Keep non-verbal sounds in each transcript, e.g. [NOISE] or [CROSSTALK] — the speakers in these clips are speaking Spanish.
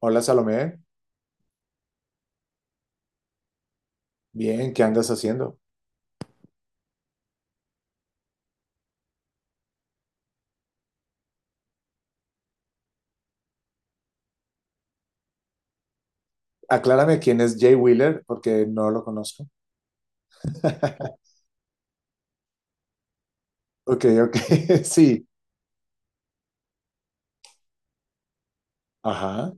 Hola Salomé, bien, ¿qué andas haciendo? Aclárame quién es Jay Wheeler porque no lo conozco. [LAUGHS] Ok, ok, [LAUGHS] sí. Ajá,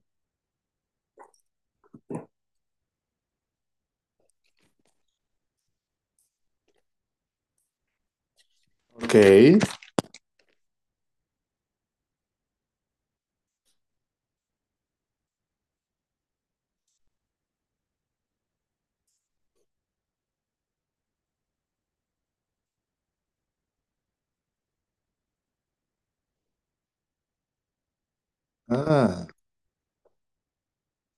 ok. Ah,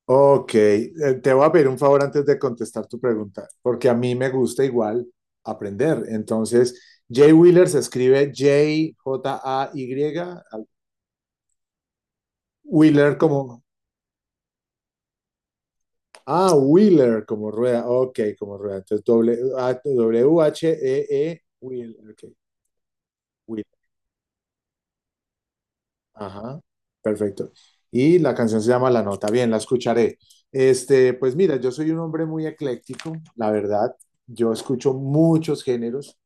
ok, te voy a pedir un favor antes de contestar tu pregunta, porque a mí me gusta igual aprender. Entonces, Jay Wheeler se escribe Jay, Wheeler como, Wheeler como rueda, ok, como rueda. Entonces, W-H-E-E, Wheeler, ok, Wheeler. Ajá, perfecto. Y la canción se llama La Nota. Bien, la escucharé. Pues mira, yo soy un hombre muy ecléctico, la verdad. Yo escucho muchos géneros.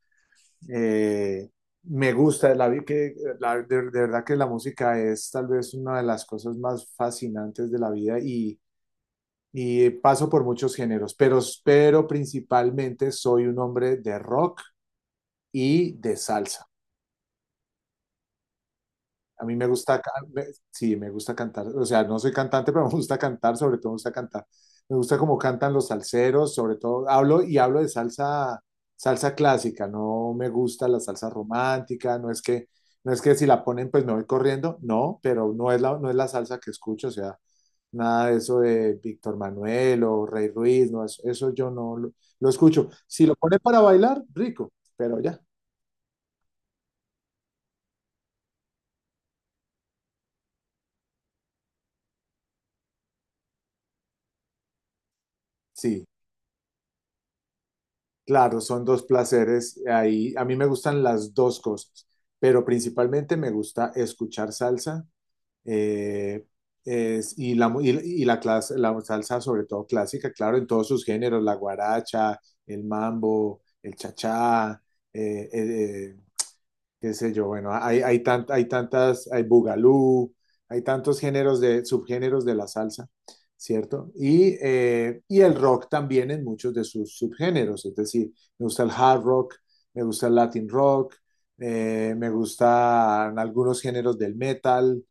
Eh, me gusta, la, vi- que, la- De verdad que la música es tal vez una de las cosas más fascinantes de la vida y paso por muchos géneros, pero principalmente soy un hombre de rock y de salsa. A mí me gusta, ca- me- sí, me gusta cantar. O sea, no soy cantante, [LAUGHS] pero me gusta cantar, sobre todo me gusta cantar. Me gusta cómo cantan los salseros, sobre todo. Hablo y hablo de salsa, salsa clásica. No me gusta la salsa romántica. No es que si la ponen, pues me voy corriendo. No, pero no es la salsa que escucho. O sea, nada de eso de Víctor Manuel o Rey Ruiz. No, eso yo no lo escucho. Si lo ponen para bailar, rico, pero ya, sí. Claro, son dos placeres. Ahí, a mí me gustan las dos cosas, pero principalmente me gusta escuchar salsa eh, la salsa sobre todo clásica, claro, en todos sus géneros, la guaracha, el mambo, el chachá, qué sé yo, bueno, hay tantas, hay bugalú, hay tantos géneros subgéneros de la salsa, ¿cierto? Y el rock también en muchos de sus subgéneros, es decir, me gusta el hard rock, me gusta el latin rock, me gustan algunos géneros del metal,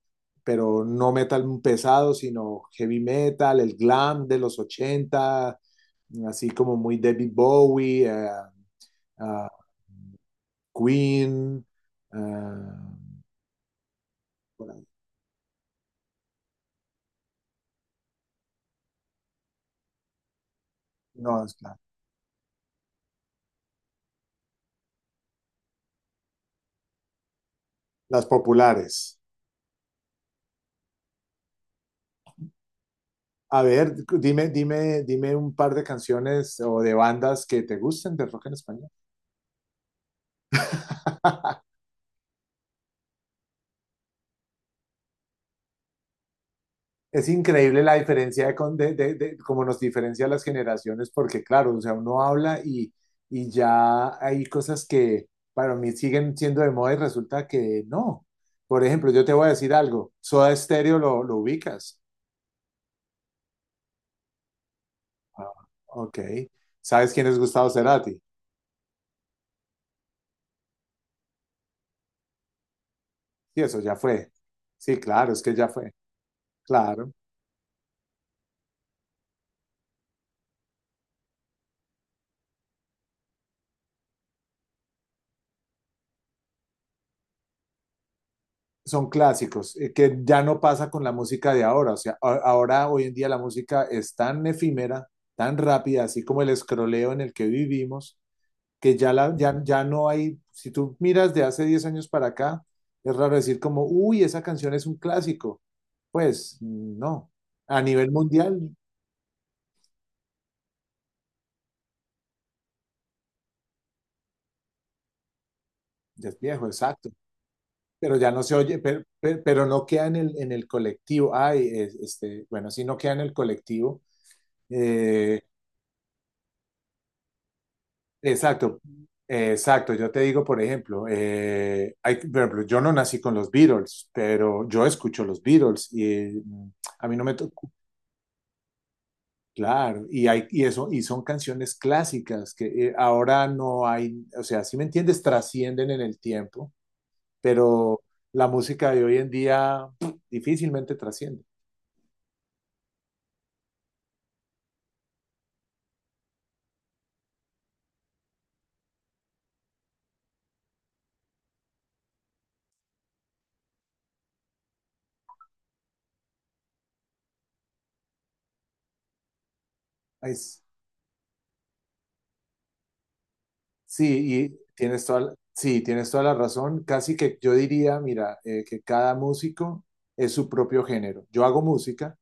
pero no metal pesado, sino heavy metal, el glam de los 80 así como muy David Bowie, ah, Queen, ah, no, es claro. Las populares. A ver, dime, dime, dime un par de canciones o de bandas que te gusten de rock en español. [LAUGHS] Es increíble la diferencia de, con- de- cómo nos diferencia las generaciones, porque claro, o sea, uno habla y ya hay cosas que para mí siguen siendo de moda y resulta que no. Por ejemplo, yo te voy a decir algo, Soda Stereo lo ubicas. Ah, ok. ¿Sabes quién es Gustavo Cerati? Sí, eso ya fue. Sí, claro, es que ya fue. Claro. Son clásicos, que ya no pasa con la música de ahora. O sea, ahora, hoy en día, la música es tan efímera, tan rápida, así como el escroleo en el que vivimos, que ya no hay. Si tú miras de hace 10 años para acá, es raro decir como, uy, esa canción es un clásico. Pues no. A nivel mundial, ya es viejo, exacto. Pero ya no se oye, pero no queda en el, colectivo. Ay, bueno, si no queda en el colectivo. eh, exacto, exacto. Yo te digo, por ejemplo, yo no nací con los Beatles, pero yo escucho los Beatles y a mí no me tocó. Claro, y son canciones clásicas que ahora no hay, o sea, si me entiendes, trascienden en el tiempo. Pero la música de hoy en día [SMACKS LIPS] difícilmente trasciende. Ay, sí, sí, tienes toda la razón. Casi que yo diría, mira, que cada músico es su propio género. Yo hago música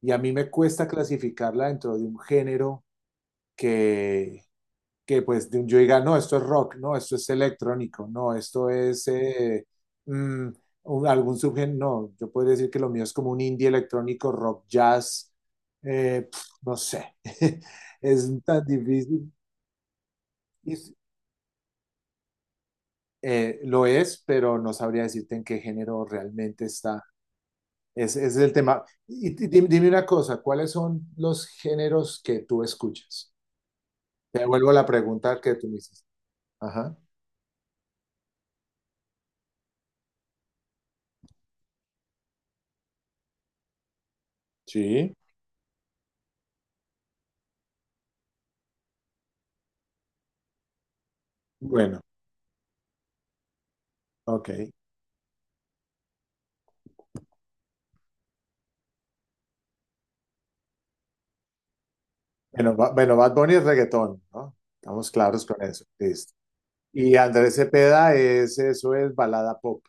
y a mí me cuesta clasificarla dentro de un género que que pues de yo diga, no, esto es rock, no, esto es electrónico, no, esto es mm, algún subgénero, no, yo podría decir que lo mío es como un indie electrónico, rock, jazz, no sé, [LAUGHS] es tan difícil. Es- lo es, pero no sabría decirte en qué género realmente está, ese es el tema. Y dime una cosa, ¿cuáles son los géneros que tú escuchas? Te devuelvo la pregunta que tú me hiciste. Ajá. Sí. Bueno, ok. Bueno, Bad Bunny es reggaetón, ¿no? Estamos claros con eso. Listo. Y Andrés Cepeda eso es balada pop.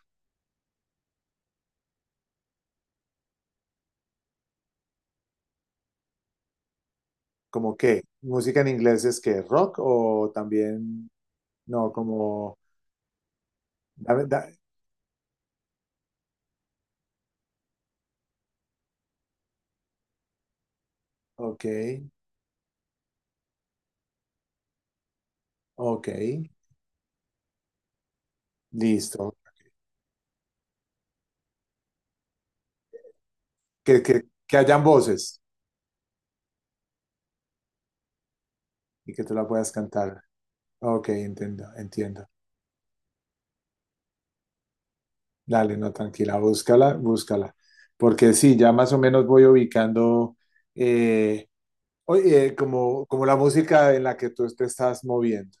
¿Cómo qué? ¿Música en inglés es que rock o también, no, como, dame- da- ok, ok, listo. Que hayan voces y que tú la puedas cantar. Ok, entiendo, entiendo. Dale, no, tranquila, búscala, búscala. Porque sí, ya más o menos voy ubicando. eh, Oye, como la música en la que tú te estás moviendo,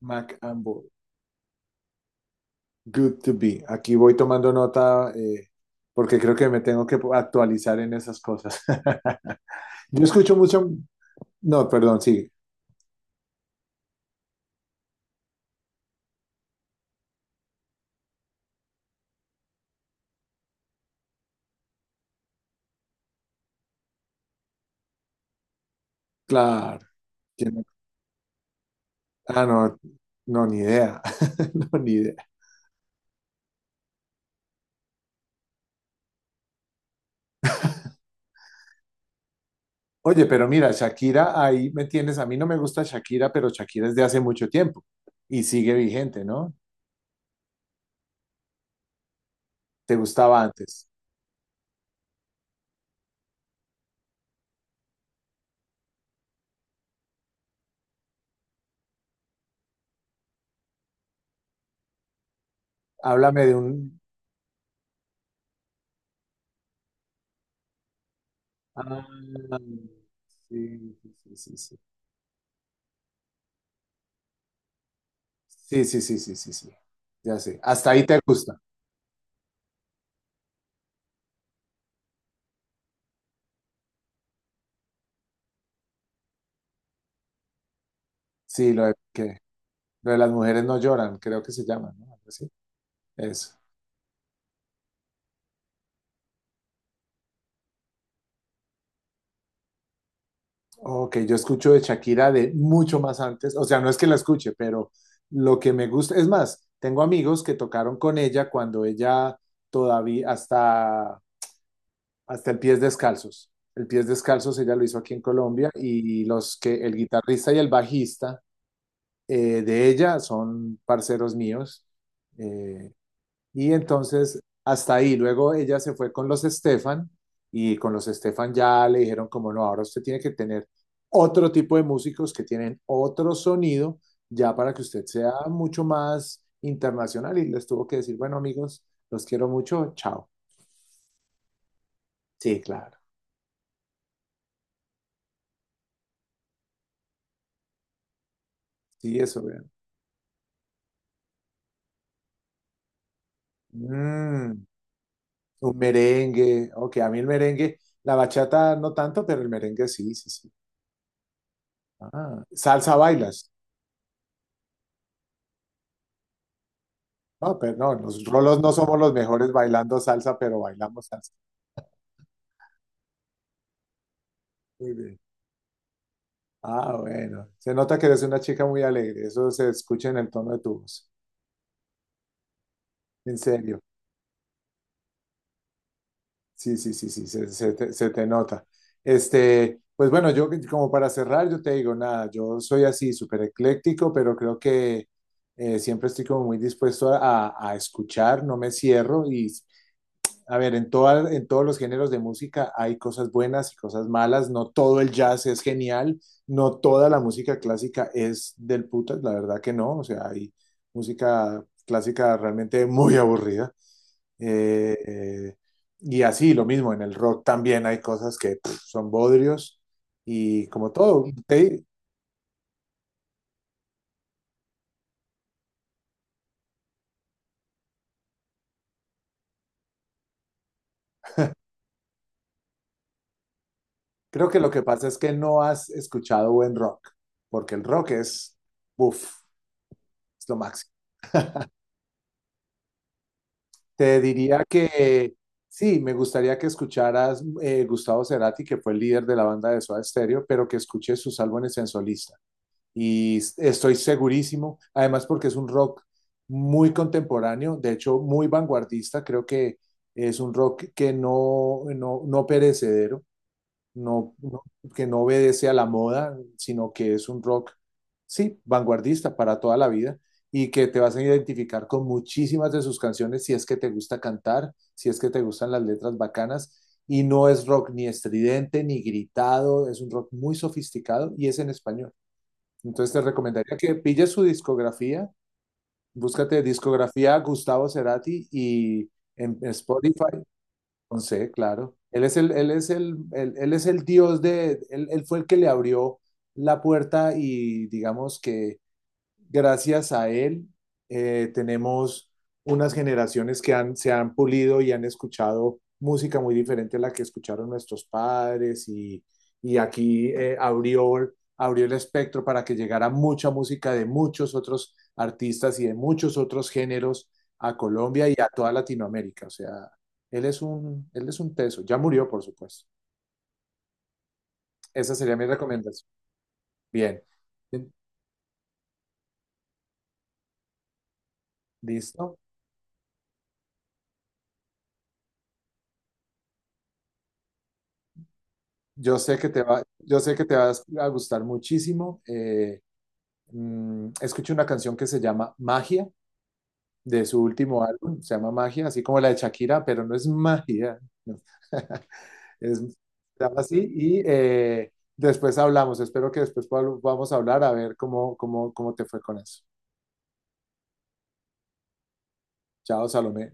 Mac Ambo, Good to Be. Aquí voy tomando nota porque creo que me tengo que actualizar en esas cosas. [LAUGHS] Yo escucho mucho, no, perdón, sí, claro. ¿Quién- Ah, no, no, ni idea, [LAUGHS] no, ni idea. Oye, pero mira, Shakira, ahí me tienes, a mí no me gusta Shakira, pero Shakira es de hace mucho tiempo y sigue vigente, ¿no? ¿Te gustaba antes? Háblame de un, Ah, sí, sí, sí, sí. Sí, sí, sí, sí, sí, sí. Sí. Ya sé. Hasta ahí te gusta. Sí, lo de las mujeres no lloran, creo que se llama, ¿no? Algo así. Eso. Ok, yo escucho de Shakira de mucho más antes. O sea, no es que la escuche, pero lo que me gusta, es más, tengo amigos que tocaron con ella cuando ella todavía, hasta el Pies Descalzos. El Pies Descalzos ella lo hizo aquí en Colombia y el guitarrista y el bajista de ella, son parceros míos. eh, y entonces hasta ahí, luego ella se fue con los Estefan y con los Estefan ya le dijeron como no, ahora usted tiene que tener otro tipo de músicos que tienen otro sonido ya para que usted sea mucho más internacional y les tuvo que decir, bueno amigos, los quiero mucho, chao. Sí, claro. Sí, eso, vean. Mm, un merengue, ok, a mí el merengue, la bachata no tanto, pero el merengue sí, sí, sí. Ah, salsa bailas. No, pero no, los rolos no somos los mejores bailando salsa, pero bailamos salsa. Muy bien. Ah, bueno. Se nota que eres una chica muy alegre. Eso se escucha en el tono de tu voz. En serio. Sí, sí, sí, sí, se te nota. Pues bueno, yo como para cerrar, yo te digo, nada, yo soy así, súper ecléctico, pero creo que siempre estoy como muy dispuesto a, a escuchar, no me cierro y a ver, en todos los géneros de música hay cosas buenas y cosas malas. No todo el jazz es genial, no toda la música clásica es del putas, la verdad que no. O sea, hay música clásica realmente [LAUGHS] muy aburrida. Eh, eh, y así, lo mismo, en el rock también hay cosas que son bodrios y como todo, creo que lo que pasa es que no has escuchado buen rock, porque el rock uff, es lo máximo. Te diría que sí, me gustaría que escucharas Gustavo Cerati, que fue el líder de la banda de Soda Stereo, pero que escuches sus álbumes en solista. Y estoy segurísimo, además porque es un rock muy contemporáneo, de hecho muy vanguardista, creo que es un rock que no perecedero no, no- que no obedece a la moda, sino que es un rock, sí, vanguardista para toda la vida y que te vas a identificar con muchísimas de sus canciones si es que te gusta cantar, si es que te gustan las letras bacanas. Y no es rock ni estridente ni gritado, es un rock muy sofisticado y es en español. Entonces te recomendaría que pilles su discografía, búscate discografía Gustavo Cerati y en Spotify con C, claro. Él es el dios de, él fue el que le abrió la puerta y digamos que gracias a él tenemos unas generaciones se han pulido y han escuchado música muy diferente a la que escucharon nuestros padres y aquí abrió el espectro para que llegara mucha música de muchos otros artistas y de muchos otros géneros a Colombia y a toda Latinoamérica. O sea, él es un teso. Ya murió, por supuesto. Esa sería mi recomendación. Bien. ¿Listo? Yo sé que te va a gustar muchísimo. Escuché una canción que se llama Magia, de su último álbum, se llama Magia, así como la de Shakira, pero no es magia, no. [LAUGHS] Se llama así y después hablamos. Espero que después podamos hablar a ver cómo te fue con eso. Chao, Salomé.